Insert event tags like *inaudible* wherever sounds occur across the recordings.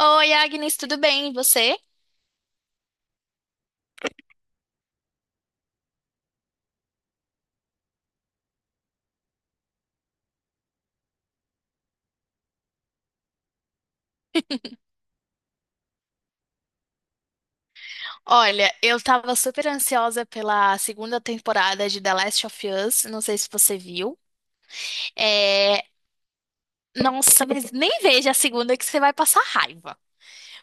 Oi, Agnes, tudo bem? E você? Olha, eu tava super ansiosa pela segunda temporada de The Last of Us, não sei se você viu. É... Nossa, mas nem veja a segunda que você vai passar raiva,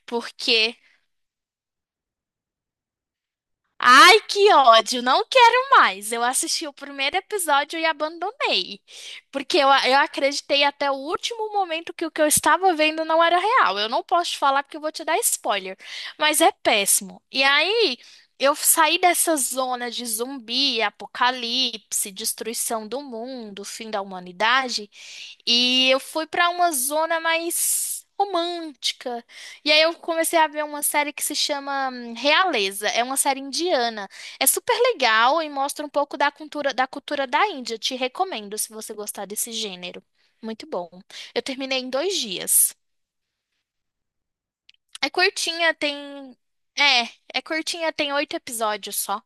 porque ai, que ódio, não quero mais. Eu assisti o primeiro episódio e abandonei, porque eu acreditei até o último momento que o que eu estava vendo não era real. Eu não posso te falar porque eu vou te dar spoiler, mas é péssimo. E aí, eu saí dessa zona de zumbi, apocalipse, destruição do mundo, fim da humanidade, e eu fui para uma zona mais romântica. E aí eu comecei a ver uma série que se chama Realeza. É uma série indiana. É super legal e mostra um pouco da cultura da Índia. Te recomendo se você gostar desse gênero. Muito bom. Eu terminei em dois dias. É curtinha, tem. É, é curtinha, tem oito episódios só.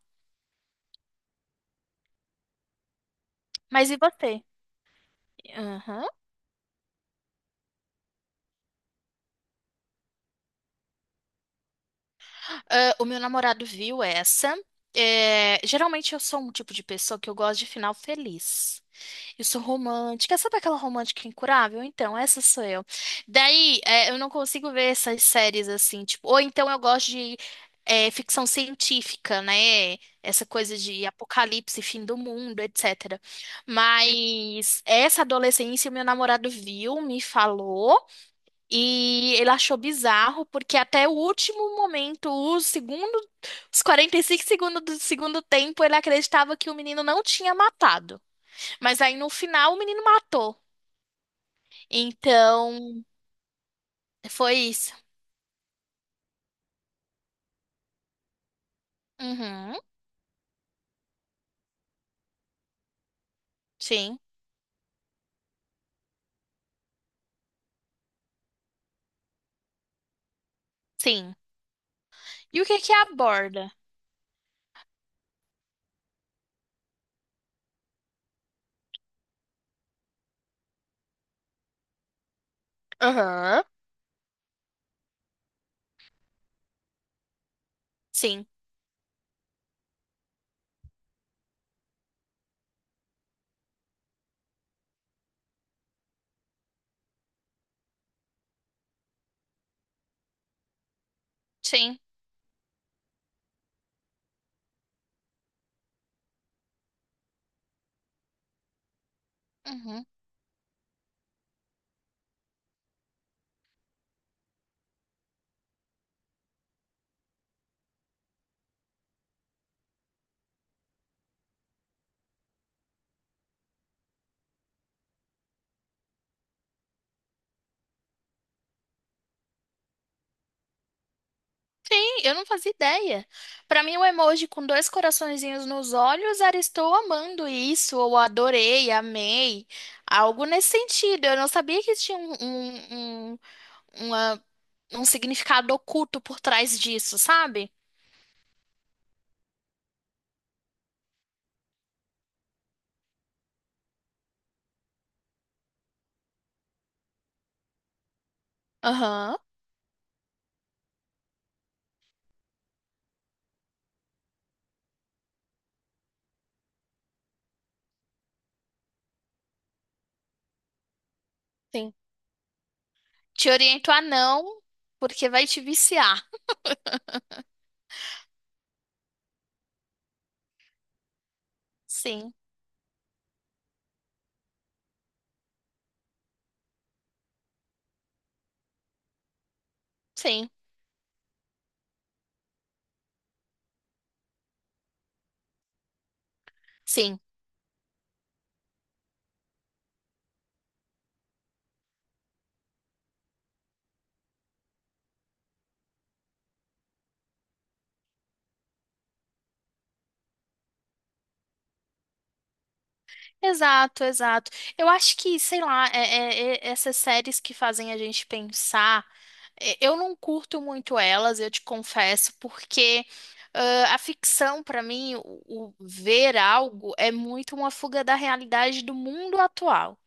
Mas e você? Aham. Ah, o meu namorado viu essa. É, geralmente eu sou um tipo de pessoa que eu gosto de final feliz. Eu sou romântica. Sabe aquela romântica incurável? Então, essa sou eu. Daí, é, eu não consigo ver essas séries assim, tipo, ou então eu gosto de, é, ficção científica, né? Essa coisa de apocalipse, fim do mundo, etc. Mas essa adolescência, meu namorado viu, me falou, e ele achou bizarro, porque até o último momento, os 45 segundos do segundo tempo, ele acreditava que o menino não tinha matado. Mas aí no final o menino matou. Então, foi isso. Uhum. Sim. Sim. E o que que aborda? Aham. Sim. Sim. Uhum. Sim, eu não fazia ideia. Pra mim, o emoji com dois coraçõezinhos nos olhos era estou amando isso, ou adorei, amei. Algo nesse sentido. Eu não sabia que tinha uma- um significado oculto por trás disso, sabe? Aham. Sim. Te oriento a não, porque vai te viciar. Sim, sim, sim. Exato, exato. Eu acho que, sei lá, essas séries que fazem a gente pensar, é, eu não curto muito elas, eu te confesso, porque ah, a ficção, pra mim, o ver algo é muito uma fuga da realidade do mundo atual.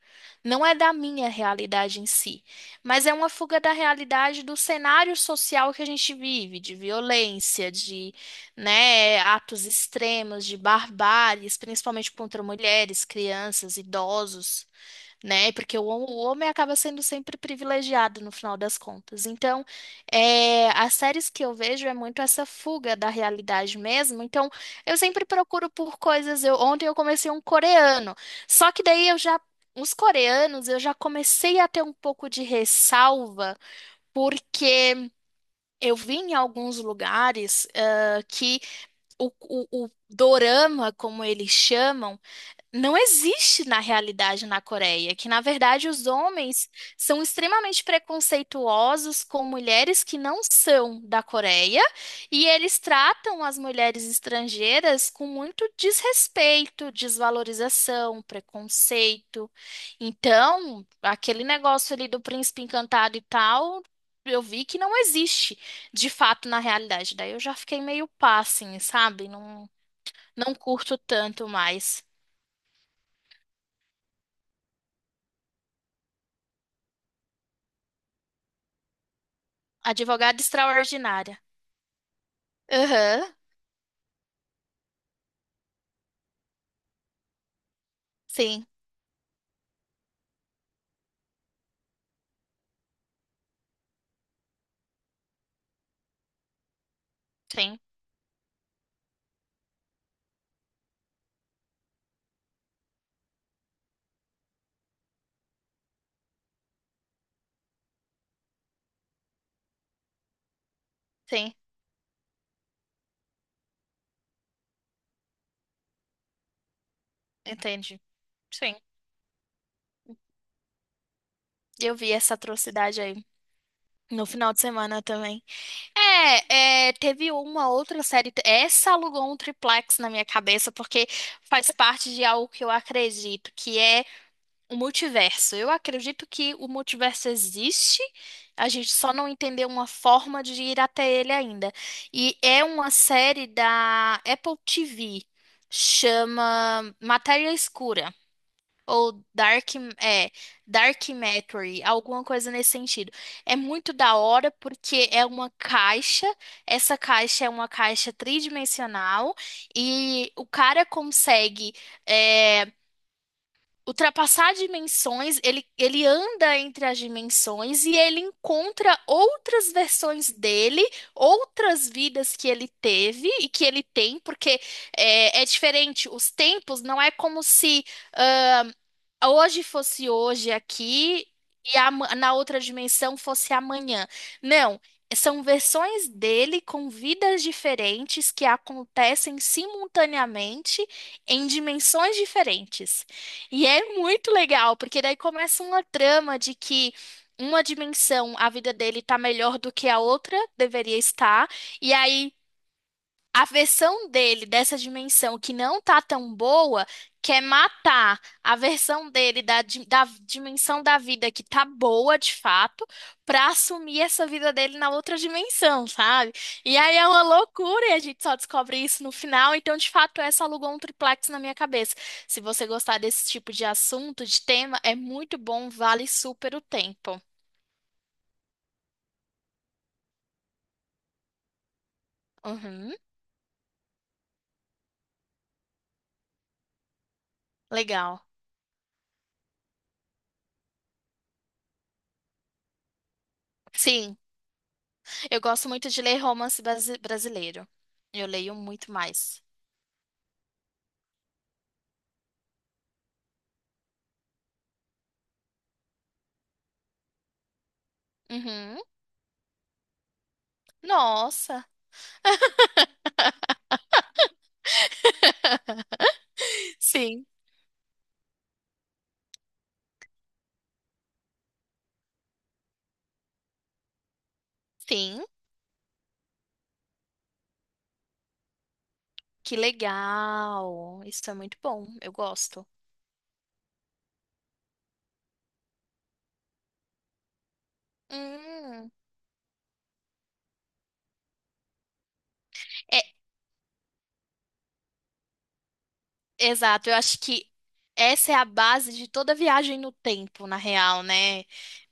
Não é da minha realidade em si, mas é uma fuga da realidade do cenário social que a gente vive, de violência, né, atos extremos de barbáries, principalmente contra mulheres, crianças, idosos, né, porque o homem acaba sendo sempre privilegiado no final das contas. Então, é, as séries que eu vejo é muito essa fuga da realidade mesmo. Então, eu sempre procuro por coisas. Eu, ontem eu comecei um coreano, só que daí eu já. Os coreanos, eu já comecei a ter um pouco de ressalva, porque eu vi em alguns lugares, ah, que o dorama, como eles chamam, não existe na realidade na Coreia, que na verdade os homens são extremamente preconceituosos com mulheres que não são da Coreia e eles tratam as mulheres estrangeiras com muito desrespeito, desvalorização, preconceito. Então, aquele negócio ali do príncipe encantado e tal, eu vi que não existe de fato na realidade. Daí eu já fiquei meio pá, assim, sabe? Não, não curto tanto mais. Advogada extraordinária. Aham, sim, sim, sim, entendi. Sim, eu vi essa atrocidade aí no final de semana também. É, é, teve uma outra série. Essa alugou um triplex na minha cabeça, porque faz parte de algo que eu acredito, que é o multiverso. Eu acredito que o multiverso existe, a gente só não entendeu uma forma de ir até ele ainda. E é uma série da Apple TV, chama Matéria Escura. Ou Dark, é, Dark Matter, alguma coisa nesse sentido. É muito da hora porque é uma caixa, essa caixa é uma caixa tridimensional e o cara consegue. É, ultrapassar dimensões, ele anda entre as dimensões e ele encontra outras versões dele, outras vidas que ele teve e que ele tem, porque é, é diferente. Os tempos não é como se hoje fosse hoje aqui e na outra dimensão fosse amanhã. Não, são versões dele com vidas diferentes que acontecem simultaneamente em dimensões diferentes. E é muito legal, porque daí começa uma trama de que uma dimensão, a vida dele tá melhor do que a outra deveria estar, e aí a versão dele dessa dimensão que não tá tão boa quer matar a versão dele da, da dimensão da vida que tá boa de fato pra assumir essa vida dele na outra dimensão, sabe? E aí é uma loucura e a gente só descobre isso no final. Então, de fato, essa alugou um triplex na minha cabeça. Se você gostar desse tipo de assunto, de tema, é muito bom, vale super o tempo. Uhum, legal. Sim. Eu gosto muito de ler romance brasileiro. Eu leio muito mais. Uhum. Nossa. *laughs* Sim. Sim. Que legal. Isso é muito bom. Eu gosto. Hum. É, exato. Eu acho que essa é a base de toda viagem no tempo, na real, né?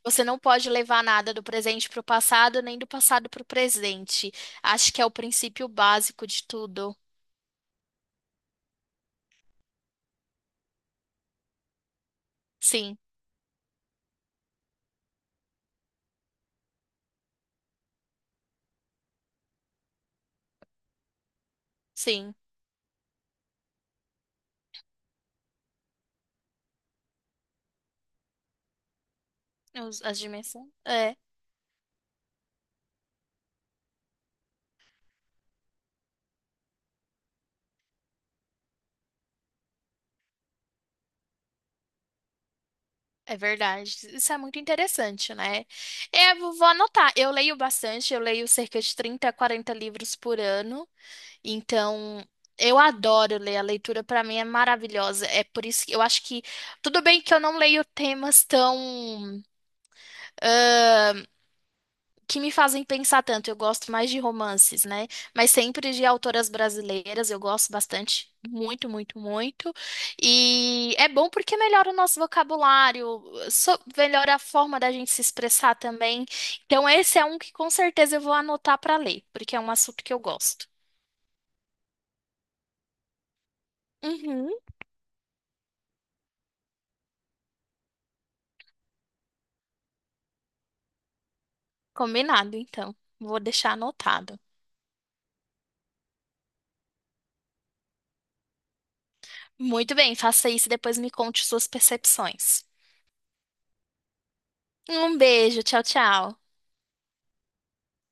Você não pode levar nada do presente para o passado, nem do passado para o presente. Acho que é o princípio básico de tudo. Sim, sim. Os- as dimensões. É verdade. Isso é muito interessante, né? Eu vou anotar. Eu leio bastante, eu leio cerca de 30 a 40 livros por ano. Então, eu adoro ler. A leitura para mim é maravilhosa. É por isso que eu acho que tudo bem que eu não leio temas tão que me fazem pensar tanto. Eu gosto mais de romances, né? Mas sempre de autoras brasileiras, eu gosto bastante, muito, muito, muito. E é bom porque melhora o nosso vocabulário, melhora a forma da gente se expressar também. Então, esse é um que com certeza eu vou anotar para ler, porque é um assunto que eu gosto. Uhum. Combinado, então. Vou deixar anotado. Muito bem, faça isso e depois me conte suas percepções. Um beijo, tchau, tchau.